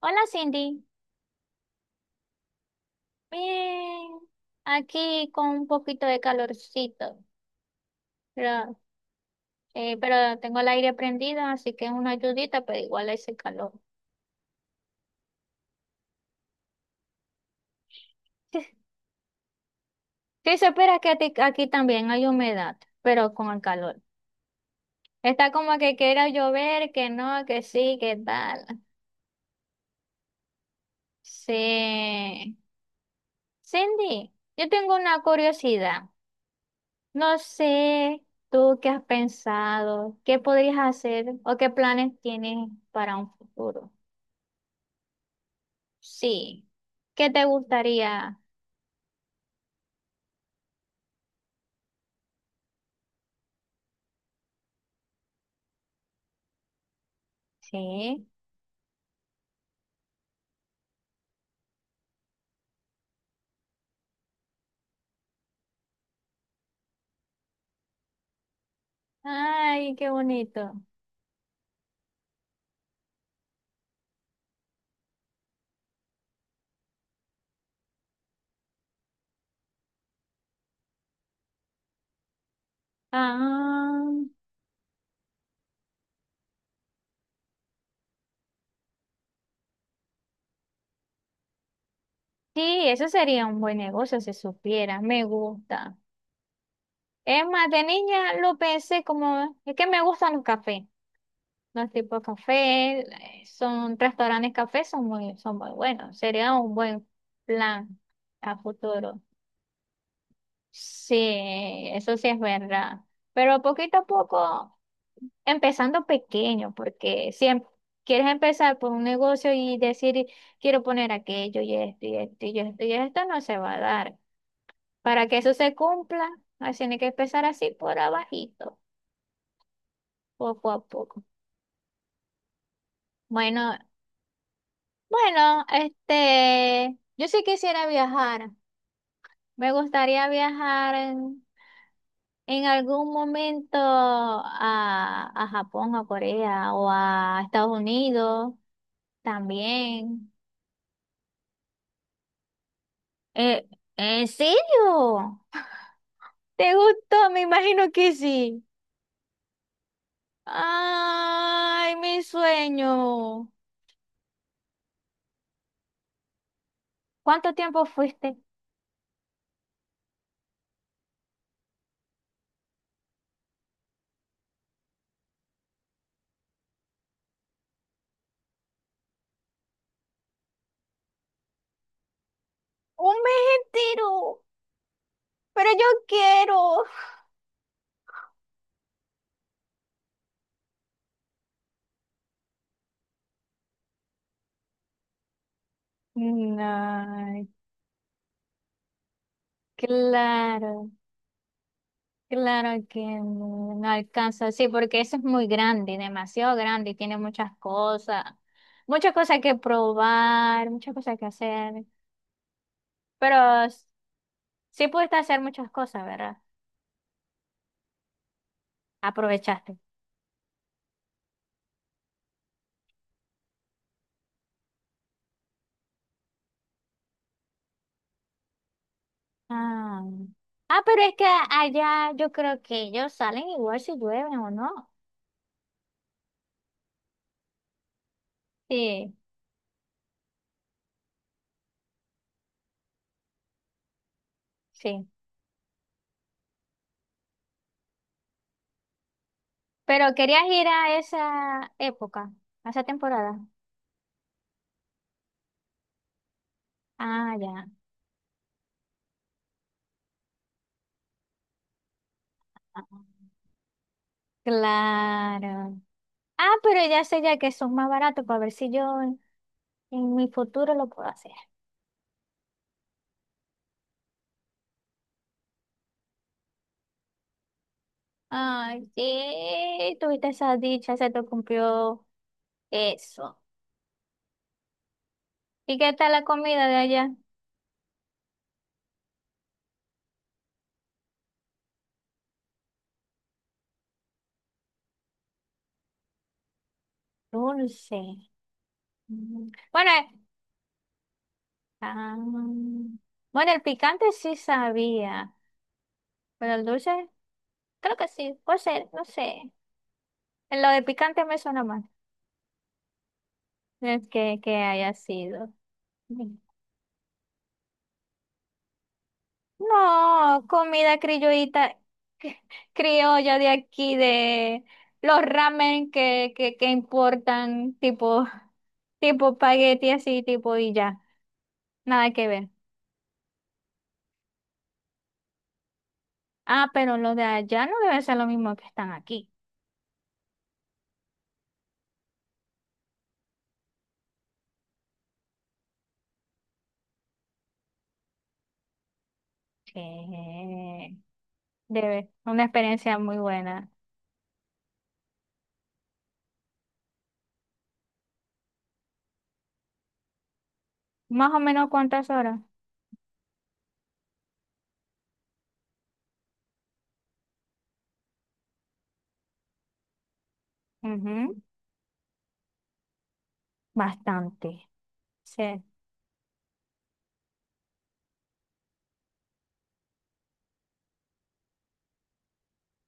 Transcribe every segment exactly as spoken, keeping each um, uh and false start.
Hola Cindy, bien, aquí con un poquito de calorcito, pero, eh, pero tengo el aire prendido, así que es una ayudita, pero igual ese calor. Sí, se espera que a ti- aquí también hay humedad, pero con el calor. Está como que quiera llover, que no, que sí, que tal. Sí. Cindy, yo tengo una curiosidad. No sé tú qué has pensado, qué podrías hacer o qué planes tienes para un futuro. Sí. ¿Qué te gustaría? Sí. Ay, qué bonito. Ah, sí, eso sería un buen negocio si supiera. Me gusta. Es más, de niña lo pensé como, es que me gustan los cafés. Los tipos de café, eh, son restaurantes cafés, son muy, son muy buenos. Sería un buen plan a futuro. Sí, eso sí es verdad. Pero poquito a poco. Empezando pequeño, porque siempre quieres empezar por un negocio y decir, quiero poner aquello y esto y esto y esto y esto, no se va a dar. Para que eso se cumpla, así tiene que empezar así por abajito, poco a poco. Bueno, bueno, este, yo sí quisiera viajar. Me gustaría viajar en, en algún momento a, a Japón, a Corea o a Estados Unidos también. Eh, ¿en serio? ¿Te gustó? Me imagino que sí. Ay, mi sueño. ¿Cuánto tiempo fuiste? Un mes entero, pero yo quiero. No, claro, claro que no, no alcanza. Sí, porque eso es muy grande, demasiado grande y tiene muchas cosas, muchas cosas que probar, muchas cosas que hacer. Pero s- sí pudiste hacer muchas cosas, ¿verdad? Aprovechaste. Ah. Ah, pero es que allá yo creo que ellos salen igual si llueven o no. Sí, sí. Pero querías ir a esa época, a esa temporada. Ah, ya. Ah, Claro. Ah, pero ya sé ya que son más baratos para ver si yo en, en mi futuro lo puedo hacer. Ay, sí, tuviste esa dicha, se te cumplió eso. ¿Y qué tal la comida de allá? Dulce. Mm. Bueno, Ah. Bueno, el picante sí sabía, pero el dulce, creo que sí, puede ser, no sé. Lo de picante me suena mal, el que, que haya sido. No, comida criollita, cri- criolla de aquí, de los ramen que, que, que importan, tipo, tipo espagueti así, tipo y ya, nada que ver. Ah, pero los de allá no debe ser lo mismo que están aquí. Sí. Debe, una experiencia muy buena. Más o menos cuántas horas. Ujú, bastante. Sí.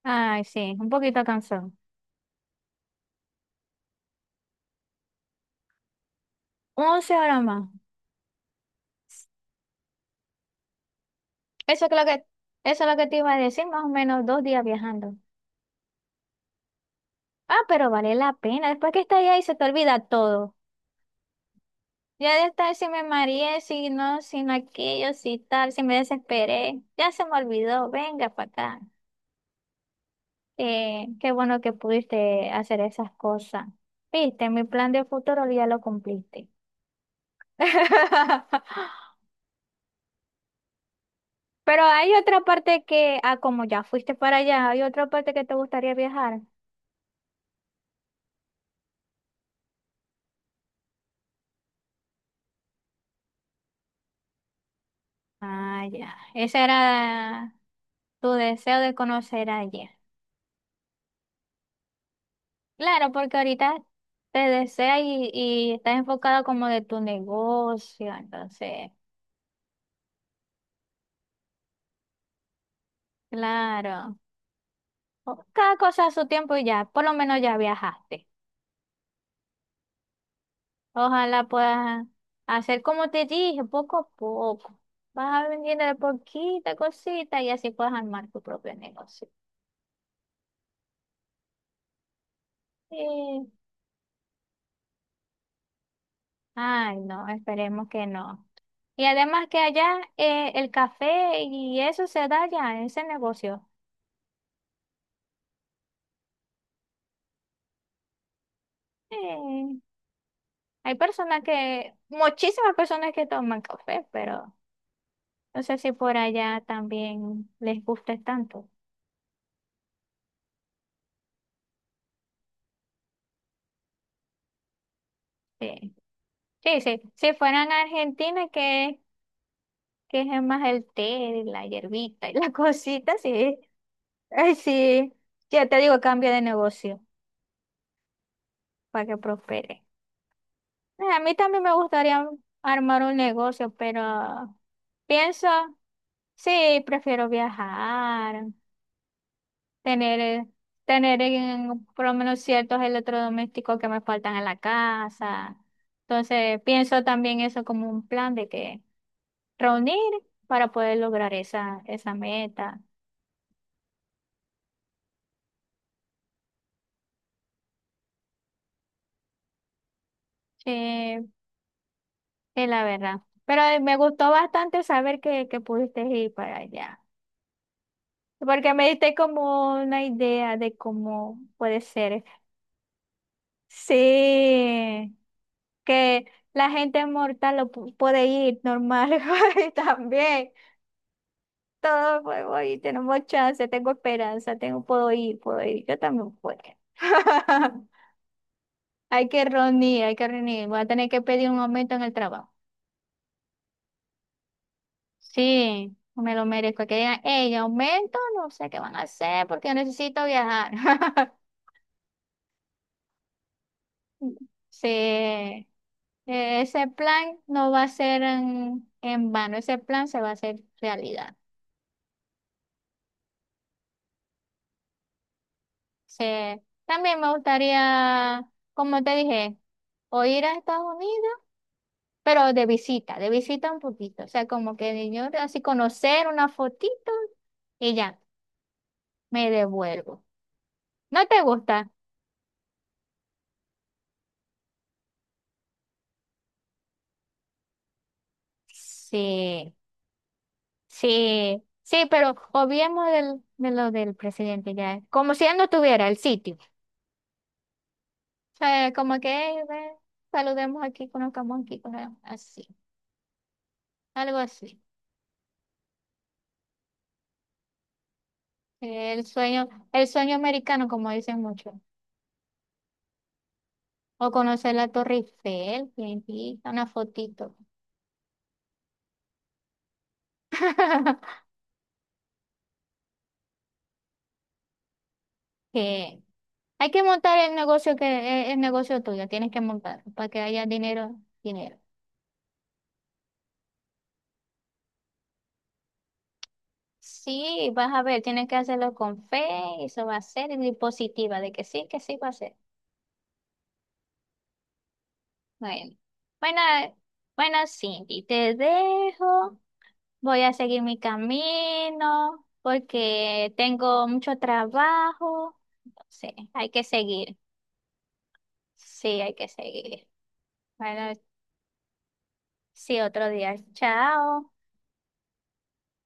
Ay, sí, un poquito cansado. Once horas más. Eso es lo que, eso es lo que te iba a decir, más o menos dos días viajando. Ah, pero vale la pena. Después que estás ahí se te olvida todo. Ya de estar si me mareé, si no, si no aquello, si tal, si me desesperé. Ya se me olvidó. Venga para acá. Eh, qué bueno que pudiste hacer esas cosas. Viste, mi plan de futuro ya lo cumpliste. Pero hay otra parte que, ah, como ya fuiste para allá, hay otra parte que te gustaría viajar. Ah, ya. Ese era tu deseo de conocer allá. Claro, porque ahorita te desea y, y estás enfocada como de tu negocio, entonces, claro. O- cada cosa a su tiempo y ya, por lo menos ya viajaste. Ojalá puedas hacer como te dije, poco a poco. Vas vendiendo de poquita cosita y así puedes armar tu propio negocio. Sí. Ay, no, esperemos que no. Y además que allá eh, el café y eso se da ya, en ese negocio. Sí. Hay personas que, muchísimas personas que toman café, pero no sé si por allá también les guste tanto. Sí, sí, sí. Si fueran a Argentina, que que es más el té, la hierbita y la cosita, sí. Ay, sí, ya te digo, cambia de negocio para que prospere. Eh, A mí también me gustaría armar un negocio, pero pienso, sí, prefiero viajar, tener, eh, tener en- por lo menos ciertos electrodomésticos que me faltan en la casa. Entonces, pienso también eso como un plan de que reunir para poder lograr esa, esa meta. Sí, es la verdad. Pero eh, me gustó bastante saber que, que pudiste ir para allá. Porque me diste como una idea de cómo puede ser. Sí, que la gente mortal lo pu- puede ir normal y también. Todos podemos ir, tenemos chance, tengo esperanza, tengo, puedo ir, puedo ir. Yo también puedo. Hay que reunir, hay que reunir. Voy a tener que pedir un aumento en el trabajo. Sí, me lo merezco. Que digan, hey, aumento, no sé qué van a hacer porque yo necesito viajar. Sí, eh, ese plan no va a ser en, en vano, ese plan se va a hacer realidad. Sí, también me gustaría, como te dije, o ir a Estados Unidos, pero de visita, de visita un poquito. O sea, como que yo así conocer una fotito y ya, me devuelvo. ¿No te gusta? Sí. Sí, sí, pero obviemos del, de lo del presidente ya, como si él no tuviera el sitio. O sea, como que "Ey, ve, saludemos aquí, conozcamos aquí, conozcamos así, algo así". El sueño, el sueño americano, como dicen muchos. O conocer la Torre Eiffel, tientita, una fotito. Que hay que montar el negocio que, e, el negocio tuyo, tienes que montar para que haya dinero, dinero. Sí, vas a ver, tienes que hacerlo con fe, eso va a ser, y positiva, de que sí, que sí va a ser. Bueno, bueno, eh, bueno, Cindy, te dejo, voy a seguir mi camino, porque tengo mucho trabajo, sí, hay que seguir, sí, hay que seguir. Bueno, sí, otro día, chao.